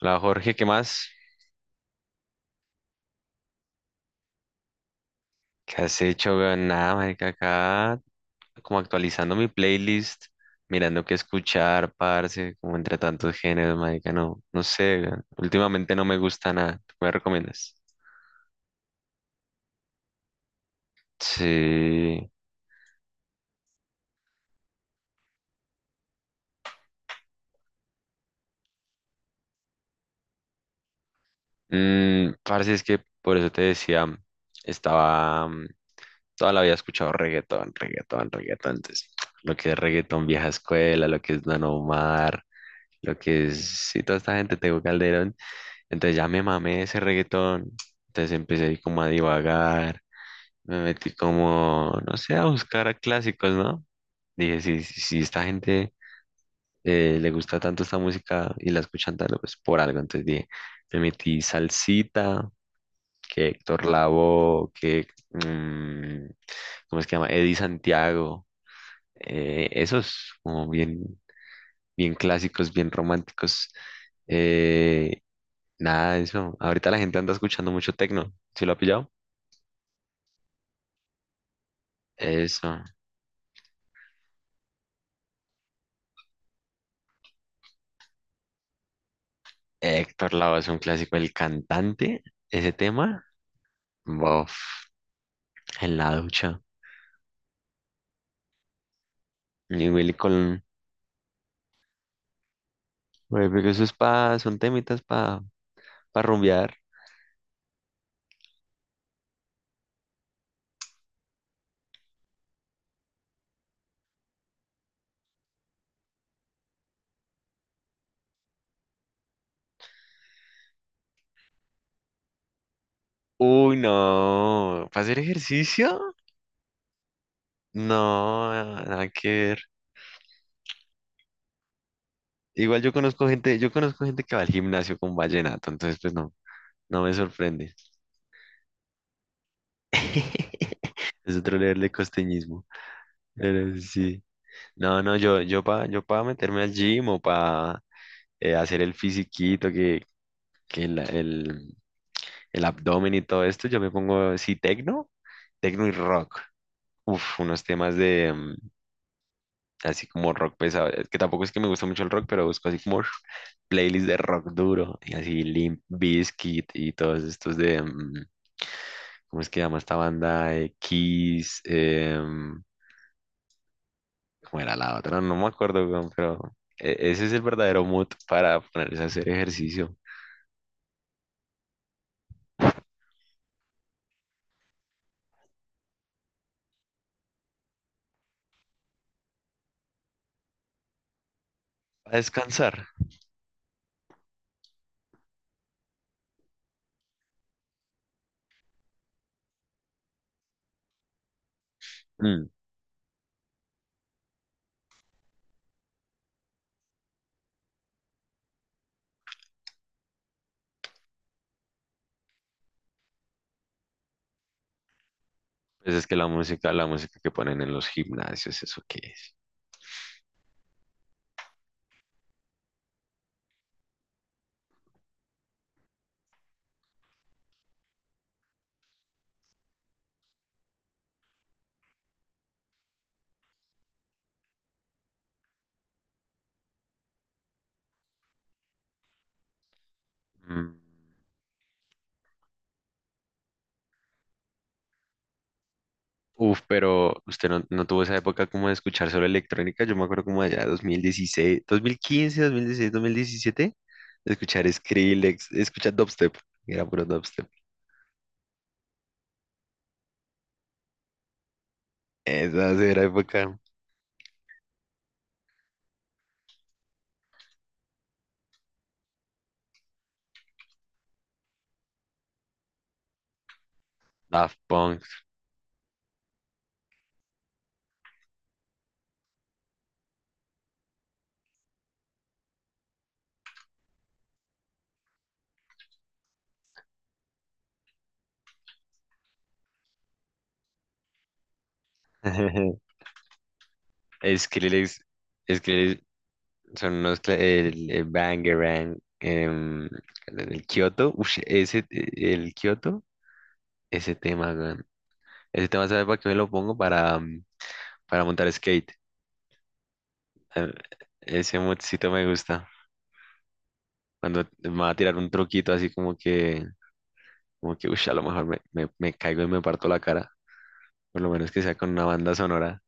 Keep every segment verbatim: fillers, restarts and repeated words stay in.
Hola Jorge, ¿qué más? ¿Qué has hecho? Weón? Nada, marica, acá como actualizando mi playlist, mirando qué escuchar, parce, como entre tantos géneros, marica, no, no sé, weón. Últimamente no me gusta nada, ¿tú me recomiendas? Sí, mm, parce, es que por eso te decía, estaba, mm, toda la vida he escuchado reggaetón, reggaetón, reggaetón, entonces, lo que es reggaetón vieja escuela, lo que es Don Omar, lo que es, sí, toda esta gente, Tego Calderón. Entonces ya me mamé ese reggaetón. Entonces empecé ahí como a divagar. Me metí como, no sé, a buscar clásicos, ¿no? Dije, si, si, si esta gente eh, le gusta tanto esta música y la escuchan tanto, pues por algo. Entonces dije, me metí salsita, que Héctor Lavoe, que, mm, ¿cómo es que se llama? Eddie Santiago. eh, esos como bien, bien clásicos, bien románticos. eh, Nada de eso. Ahorita la gente anda escuchando mucho tecno. ¿Sí lo ha pillado? Eso. Héctor Lavoe es un clásico. El cantante, ese tema, bof, en la ducha. Y Willy Colón. Güey, porque eso es pa, son temitas para pa pa rumbear. Uy, no. ¿Para hacer ejercicio? No, nada que ver. Igual yo conozco gente, yo conozco gente que va al gimnasio con vallenato, entonces pues no, no me sorprende. Es otro leerle costeñismo. Pero sí. No, no, yo, yo para yo pa meterme al gym o para hacer el fisiquito, que, que el, el, el abdomen y todo esto, yo me pongo, sí, tecno, tecno y rock. Uf, unos temas de mm, así como rock pesado. Es que tampoco es que me gusta mucho el rock, pero busco así como playlist de rock duro y así Limp Bizkit y todos estos de, mm, ¿cómo es que llama esta banda? Eh, Kiss, em, ¿cómo era la otra? No me acuerdo, weón, pero e- ese es el verdadero mood para ponerse a hacer ejercicio. A descansar. Mm. Pues es que la música, la música que ponen en los gimnasios, ¿eso qué es? Mm. Uf, pero usted no, no tuvo esa época como de escuchar solo electrónica. Yo me acuerdo como allá dos dos dos mil mil mil dieciséis, quince, dieciséis, dos mil diecisiete, de escuchar Skrillex, de escuchar dubstep. Era puro dubstep. Esa sí era época. Daft Punk. Skrillex, Skrillex, son unos, cla- el, el Bangarang, em, el Kyoto, ush, ese, el Kyoto, ese tema, weón. Ese tema, ¿sabes para qué me lo pongo? Para, mm, para montar skate. Eh, Ese moodcito me gusta. Cuando me va a tirar un truquito así como que, como que, ush, a lo mejor me, me, me caigo y me parto la cara. Por lo menos que sea con una banda sonora.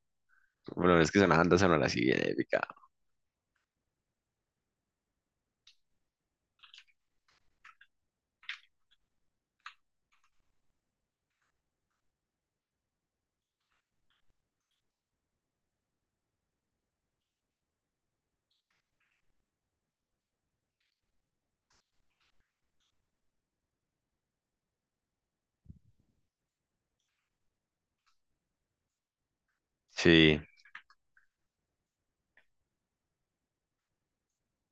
Por lo menos que sea una banda sonora así bien épica. Sí,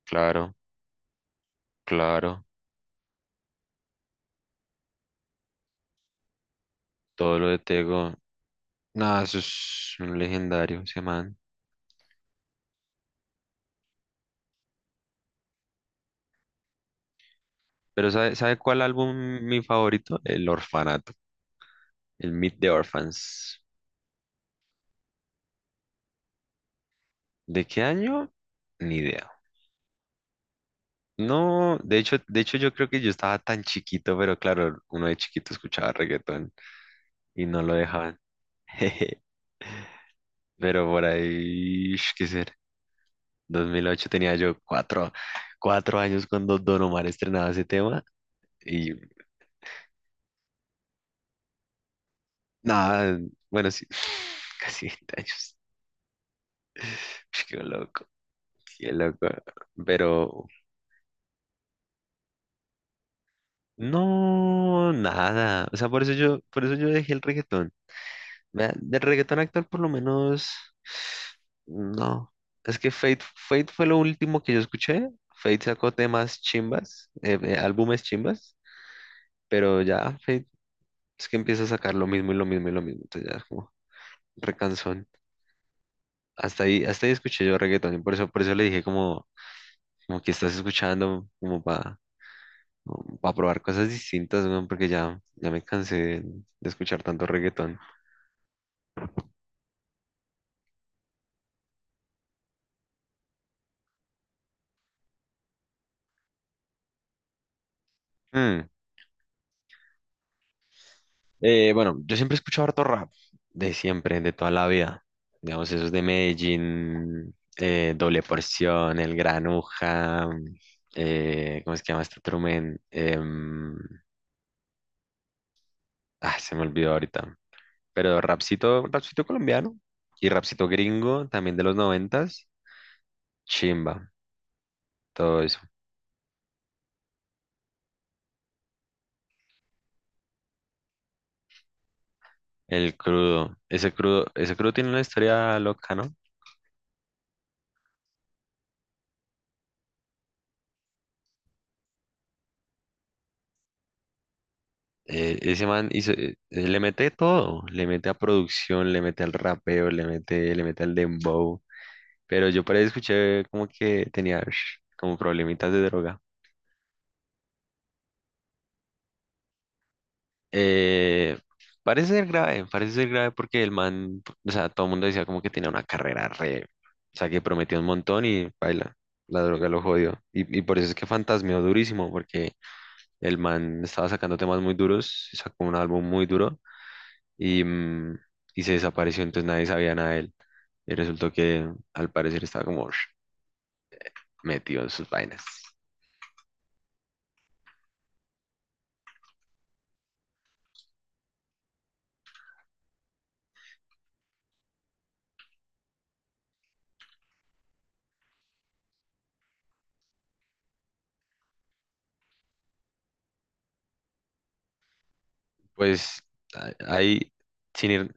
claro, claro. Todo lo de Tego. Nada, eso es un legendario, ese man. Pero ¿sabe, sabe cuál álbum mi favorito? El Orfanato, el Meet the Orphans. ¿De qué año? Ni idea. No, de hecho, de hecho yo creo que yo estaba tan chiquito, pero claro, uno de chiquito escuchaba reggaetón y no lo dejaban. Pero por ahí, ish, ¿qué ser? Dos mil ocho tenía yo cuatro, cuatro años cuando Don Omar estrenaba ese tema y nada, bueno, sí, casi veinte años. Ish, qué loco, qué loco. Pero no, nada. O sea, por eso yo, por eso yo dejé el reggaetón. Vea, del reggaetón actual por lo menos, no. Es que Fate, Fate fue lo último que yo escuché. Fate sacó temas chimbas, eh, eh, álbumes chimbas, pero ya Fate es que empieza a sacar lo mismo y lo mismo y lo mismo. Entonces ya es como recansón. Hasta ahí, hasta ahí escuché yo reggaetón y por eso, por eso le dije como, como que estás escuchando como para probar cosas distintas, weón, porque ya, ya me cansé de de escuchar tanto reggaetón. Mm, eh, bueno, yo siempre he escuchado harto rap, de siempre, de toda la vida. Digamos, esos de Medellín, eh, Doble Porción, El Granuja, mm, eh, ¿cómo es que llama este otro men? Em, ah, se me olvidó ahorita. Pero rapcito, rapcito colombiano y rapcito gringo, también de los noventas, chimba, todo eso. El crudo, ese crudo, ese crudo tiene una historia loca, ¿no? Eh, ese man hizo, eh, eh, le mete todo, le mete a producción, le mete al rapeo, le mete, le mete al dembow. Pero yo por ahí escuché como que tenía ush, como problemitas de droga. Eh, parece ser grave, parece ser grave porque el man, o sea, todo el mundo decía como que tenía una carrera re, o sea, que prometió un montón y baila, la droga lo jodió. Y, y por eso es que fantasmeó durísimo, porque el man estaba sacando temas muy duros, sacó un álbum muy duro y, mm, y se desapareció, entonces nadie sabía nada de él. Y resultó que al parecer estaba como sh- metido en sus vainas. Pues a- ahí, sin ir,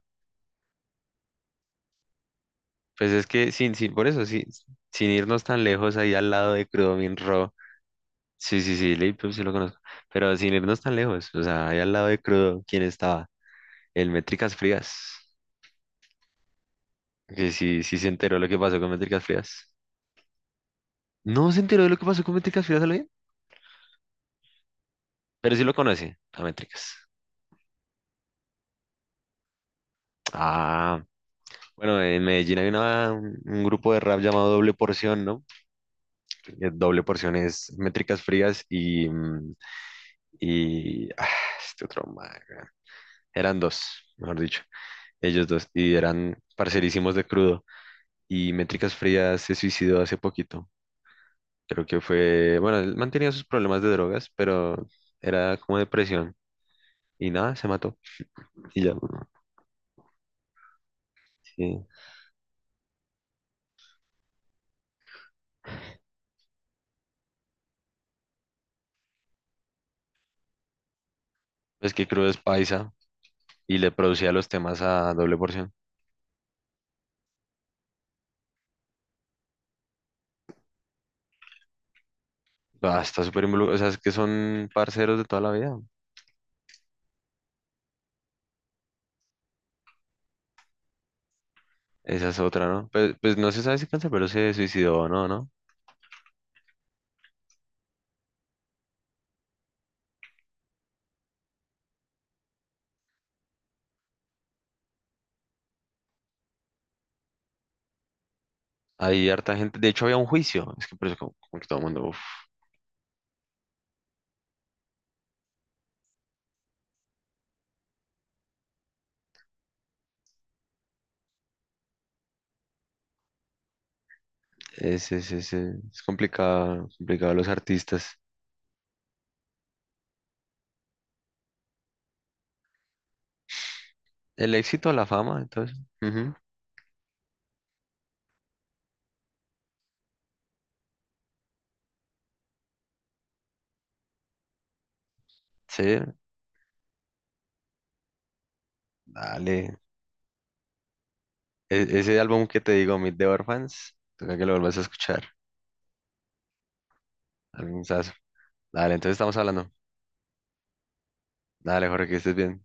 pues es que sin, sin, por eso, sí, sin irnos tan lejos, ahí al lado de Crudo Min Ro. Sí, sí, sí, Lil Peep sí lo conozco. Pero sin irnos tan lejos, o sea, ahí al lado de Crudo, ¿quién estaba? El Métricas Frías. Que sí, sí se enteró lo que pasó con Métricas Frías. No se enteró de lo que pasó con Métricas Frías, ¿lo bien? Pero sí lo conoce, a Métricas. Ah. Bueno, en Medellín hay una- un un grupo de rap llamado Doble Porción, ¿no? Eh, Doble Porción es Métricas Frías y, mm, y ah, este otro man, weón. Eran dos, mejor dicho, ellos dos, y eran parcerísimos de Crudo. Y Métricas Frías se suicidó hace poquito. Creo que fue, bueno, él mantenía sus problemas de drogas, pero era como depresión. Y nada, se mató. Y ya, sí. Es que Crudo es paisa y le producía los temas a Doble Porción. Ah, está súper involucrado. O sea, es que son parceros de toda la vida. Esa es otra, ¿no? Pues, pues no se sabe si Canserbero se suicidó o no, ¿no? Hay harta gente. De hecho, había un juicio. Es que por eso, como, como que todo el mundo. Uf, es, es, es, es- es complicado, complicado los artistas. El éxito, la fama, entonces. Ujú, sí, dale. E- ese álbum que te digo, Meet the Orphans, toca que lo vuelvas a escuchar. Albumazo. Dale, entonces estamos hablando. Dale, Jorge, que estés bien.